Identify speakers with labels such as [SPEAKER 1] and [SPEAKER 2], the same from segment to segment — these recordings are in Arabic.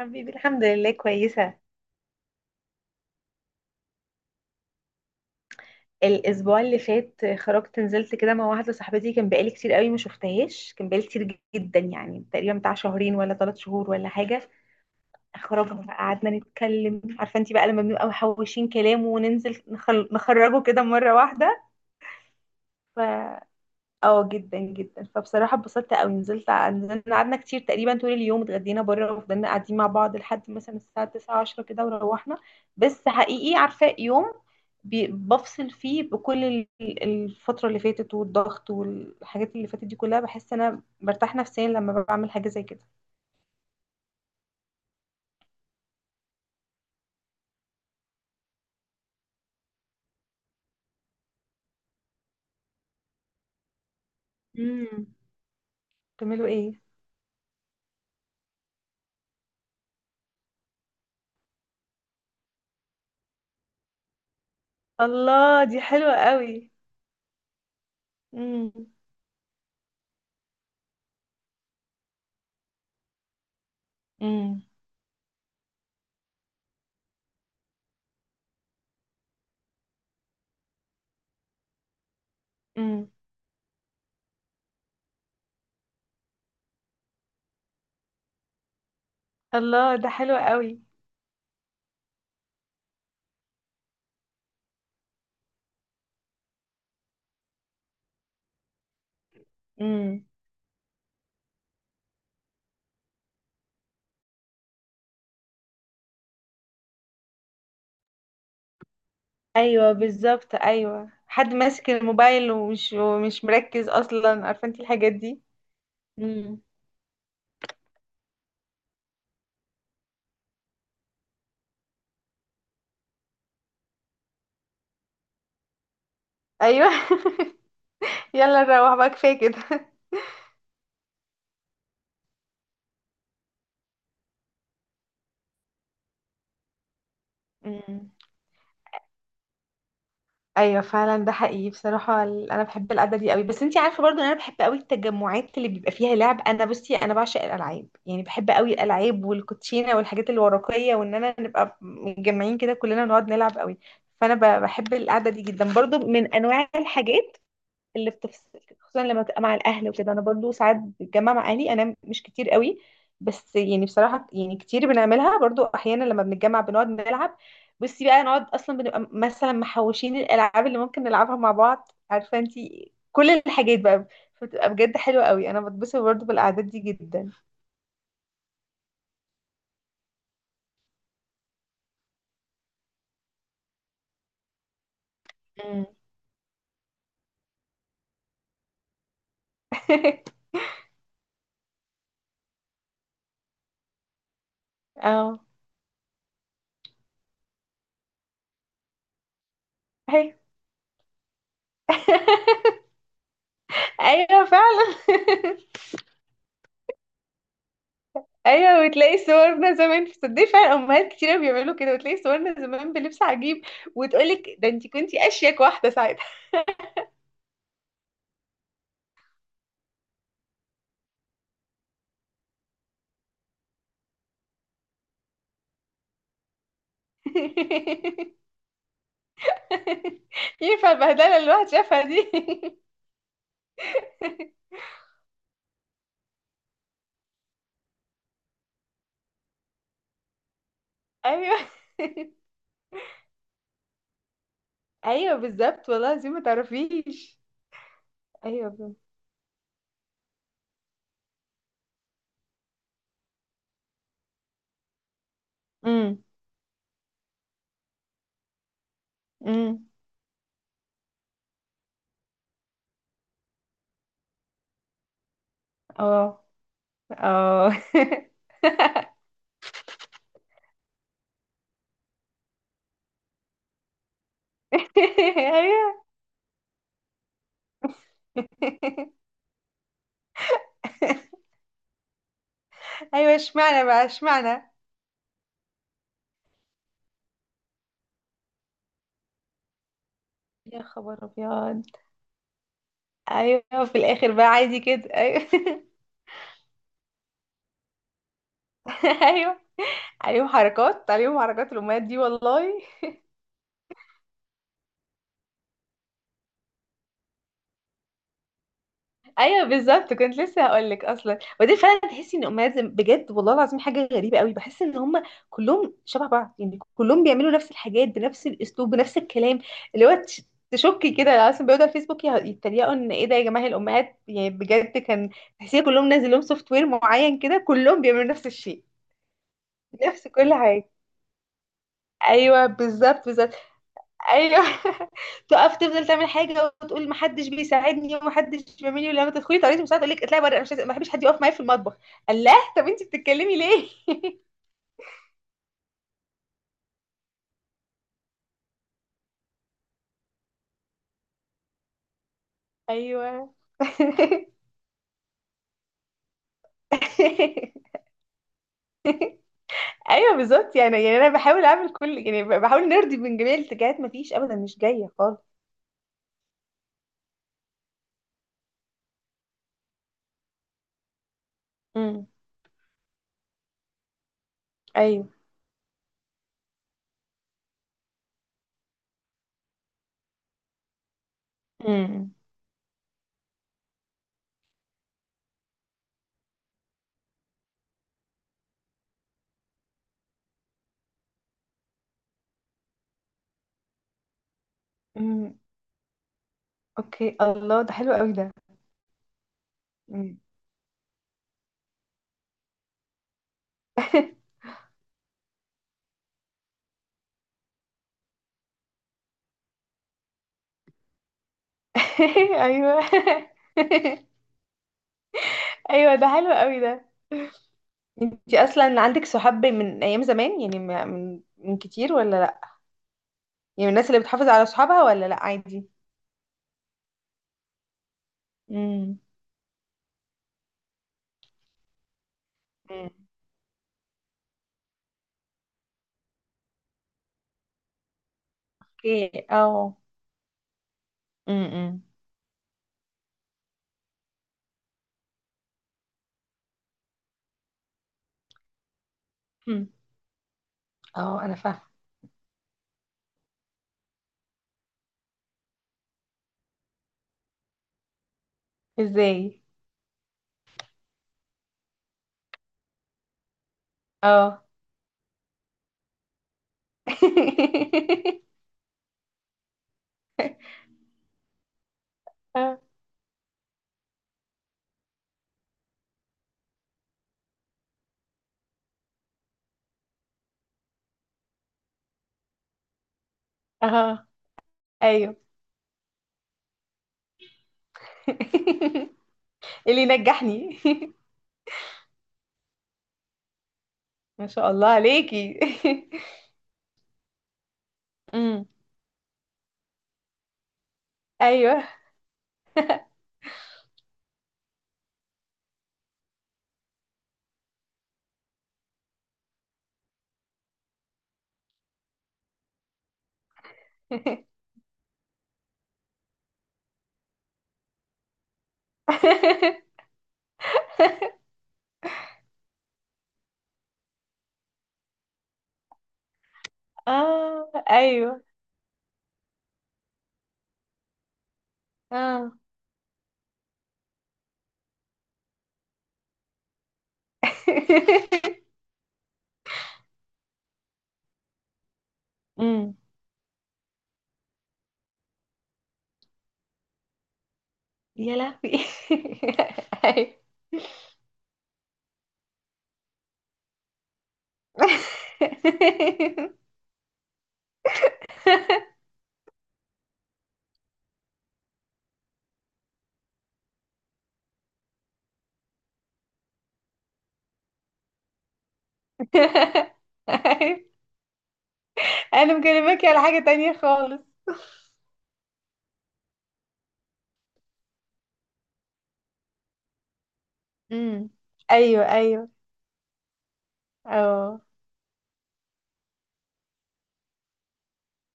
[SPEAKER 1] حبيبي الحمد لله كويسة. الأسبوع اللي فات خرجت، نزلت كده مع واحدة صاحبتي، كان بقالي كتير قوي ما شفتهاش، كان بقالي كتير جدا، يعني تقريبا بتاع شهرين ولا ثلاث شهور ولا حاجة. خرجنا بقى، قعدنا نتكلم، عارفة انتي بقى لما بنبقى محوشين كلام وننزل نخرجه كده مرة واحدة. اه، جدا جدا، فبصراحة اتبسطت قوي، نزلت، نزلنا قعدنا كتير، تقريبا طول اليوم اتغدينا بره وفضلنا قاعدين مع بعض لحد مثلا الساعة 9 10 كده وروحنا. بس حقيقي عارفة، يوم بفصل فيه بكل الفترة اللي فاتت، والضغط والحاجات اللي فاتت دي كلها، بحس انا برتاح نفسيا لما بعمل حاجة زي كده. امم. بتعملوا ايه؟ الله، دي حلوة قوي. امم. امم. امم. الله، ده حلو قوي. ايوه بالظبط، ايوه، حد ماسك الموبايل ومش مركز اصلا، عارفه انت الحاجات دي. امم. ايوه. يلا نروح بقى، كفايه كده. أمم. ايوه فعلا، ده حقيقي بصراحه، انا بحب القعده دي قوي، بس انت عارفه برضو ان انا بحب قوي التجمعات اللي بيبقى فيها لعب. انا بصي، انا بعشق الالعاب، يعني بحب قوي الالعاب والكوتشينه والحاجات الورقيه، وان انا نبقى متجمعين كده كلنا نقعد نلعب قوي. فانا بحب القعده دي جدا برضو، من انواع الحاجات اللي بتفصل، خصوصا لما بتبقى مع الاهل وكده. انا برضو ساعات بتجمع مع اهلي، انا مش كتير قوي، بس يعني بصراحه يعني كتير بنعملها برضو، احيانا لما بنتجمع بنقعد نلعب. بصي بقى، نقعد اصلا بنبقى مثلا محوشين الالعاب اللي ممكن نلعبها مع بعض، عارفه انتي كل الحاجات بقى. فبتبقى بجد حلوه قوي، انا بتبسط برضو بالاعداد دي جدا. مم. اه. أيوة. ايوه فعلا. ايوه، وتلاقي صورنا زمان، تصدقي فعلا امهات كتير بيعملوا كده، وتلاقي صورنا زمان بلبس عجيب، وتقولك ده انت كنتي اشيك واحده ساعتها. ينفع البهدله اللي الواحد شافها دي؟ ايوه، ايوه بالظبط والله، زي ما تعرفيش. ايوه. امم. امم. اه. اه. ايوه. ايوه، اشمعنى بقى، اشمعنى. يا خبر ابيض. ايوه، في الاخر بقى عادي كده، ايوه. ايوه، عليهم حركات، عليهم حركات الامهات دي والله. ايوه بالظبط، كنت لسه هقول لك اصلا، ودي فعلا تحسي ان الامهات بجد والله العظيم حاجه غريبه قوي، بحس ان هم كلهم شبه بعض، يعني كلهم بيعملوا نفس الحاجات بنفس الاسلوب بنفس الكلام، اللي هو تشكي كده. اصلا بيقعدوا على الفيسبوك يتريقوا ان ايه ده يا جماعه، الامهات يعني بجد، كان تحسيه كلهم نازل لهم سوفت وير معين كده، كلهم بيعملوا نفس الشيء، نفس كل حاجه. ايوه بالظبط، بالظبط. ايوه. تقف تفضل تعمل حاجه وتقول محدش بيساعدني ومحدش بيعملي، ولما تدخلي طريقه المساعده تقول لك اطلعي بره، انا مش عايزة- ما بحبش حد يقف معايا في المطبخ. الله طب انت بتتكلمي ليه؟ ايوه. ايوه بالظبط، يعني انا بحاول اعمل كل، يعني بحاول نرضي من جميع الاتجاهات، ما فيش ابدا، مش جايه خالص. امم. ايوه. امم. امم. اوكي، الله، ده حلو قوي ده. امم. ايوه. ايوه، ده حلو قوي ده. انت اصلا عندك صحاب من ايام زمان؟ يعني من كتير ولا لا؟ يعني الناس اللي بتحافظ على صحابها ولا لا عادي؟ امم. امم. اوكي، اه. امم. امم. اه، انا فاهمه. ازاي؟ اه. اه. اه. ايوه. اللي نجحني. ما شاء الله عليكي. امم. ايوه. اه، ايوه، اه. امم. يا لهوي. أيوة. أيوة. انا مكلمك على حاجة تانية خالص. امم. ايوه. ايوه. اه.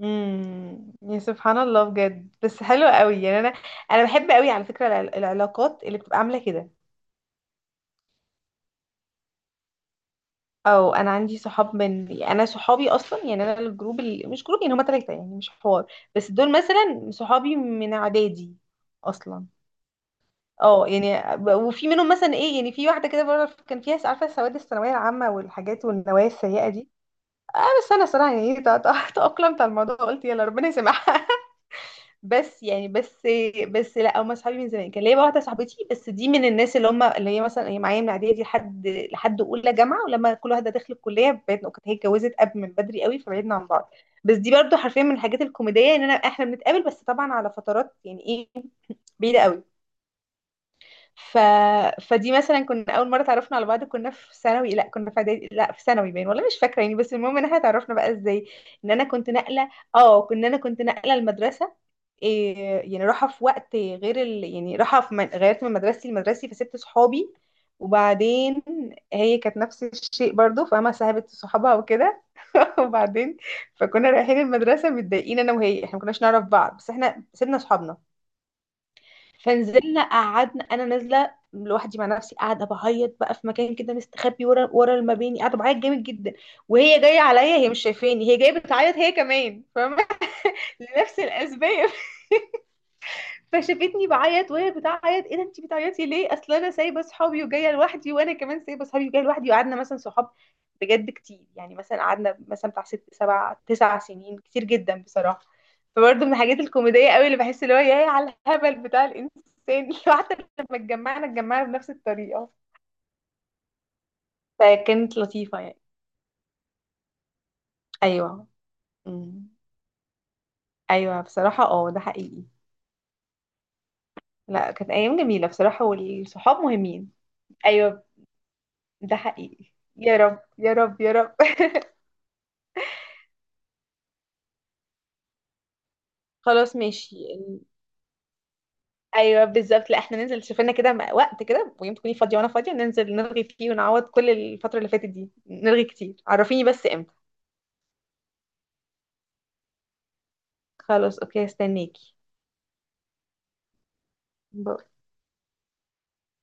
[SPEAKER 1] امم. يا سبحان الله بجد، بس حلو قوي، يعني انا، انا بحب قوي على فكرة العلاقات اللي بتبقى عاملة كده. او انا عندي صحاب من، انا صحابي اصلا يعني، انا الجروب مش جروب يعني، هما تلاتة يعني مش حوار، بس دول مثلا صحابي من اعدادي اصلا. اه يعني وفي منهم مثلا ايه، يعني في واحده كده بره كان فيها، عارفه سواد الثانويه العامه والحاجات والنوايا السيئه دي. اه بس انا صراحه يعني، تاقلمت على الموضوع، قلت يلا ربنا يسامحها. بس يعني، بس لا، هم اصحابي من زمان. كان ليا بقى واحده صاحبتي، بس دي من الناس اللي هم، اللي هي مثلا هي معايا من اعدادي دي لحد اولى جامعه، ولما كل واحده دخلت الكليه بعدنا، كانت هي اتجوزت قبل من بدري قوي فبعدنا عن بعض. بس دي برضو حرفيا من الحاجات الكوميديه ان انا، احنا بنتقابل بس طبعا على فترات، يعني ايه بعيده قوي. ف... فدي مثلا كنا اول مره اتعرفنا على بعض كنا في ثانوي، لا كنا في اعدادي، لا في ثانوي باين والله مش فاكره يعني. بس المهم ان احنا اتعرفنا بقى ازاي، ان انا كنت نقله، اه كنا، انا كنت نقله المدرسه. إيه، يعني راحه في وقت غير يعني راحه في غيرت من مدرستي لمدرستي، فسبت صحابي. وبعدين هي كانت نفس الشيء برضو، فاهمة؟ سحبت صحابها وكده. وبعدين، فكنا رايحين المدرسة متضايقين انا وهي، احنا ما كناش نعرف بعض، بس احنا سيبنا صحابنا. فنزلنا قعدنا، انا نازله لوحدي مع نفسي قاعده بعيط بقى في مكان كده مستخبي ورا ورا المباني، قاعده بعيط جامد جدا. وهي جايه عليا، هي مش شايفاني، هي جايه بتعيط هي كمان، فاهمه؟ لنفس الاسباب. فشافتني بعيط وهي بتعيط، ايه ده انت بتعيطي ليه؟ اصل انا سايبه صحابي وجايه لوحدي، وانا كمان سايبه صحابي وجايه لوحدي. وقعدنا مثلا صحاب بجد كتير، يعني مثلا قعدنا مثلا بتاع ست سبع تسع سنين، كتير جدا بصراحه. فبرضه من الحاجات الكوميديه قوي اللي بحس، اللي هو يا على الهبل بتاع الانسان. حتى لما اتجمعنا بنفس الطريقه، فكانت لطيفه يعني. ايوه. أمم. ايوه بصراحه، اه ده حقيقي. لا كانت ايام جميله بصراحه، والصحاب مهمين. ايوه. ده حقيقي. يا رب يا رب يا رب. خلاص ماشي. ايوه بالظبط، لا احنا ننزل، شوف لنا كده وقت كده ويوم تكوني فاضيه وانا فاضيه ننزل نلغي فيه، ونعوض كل الفتره اللي فاتت دي، نلغي كتير، عرفيني بس امتى. خلاص اوكي، استناكي. باي.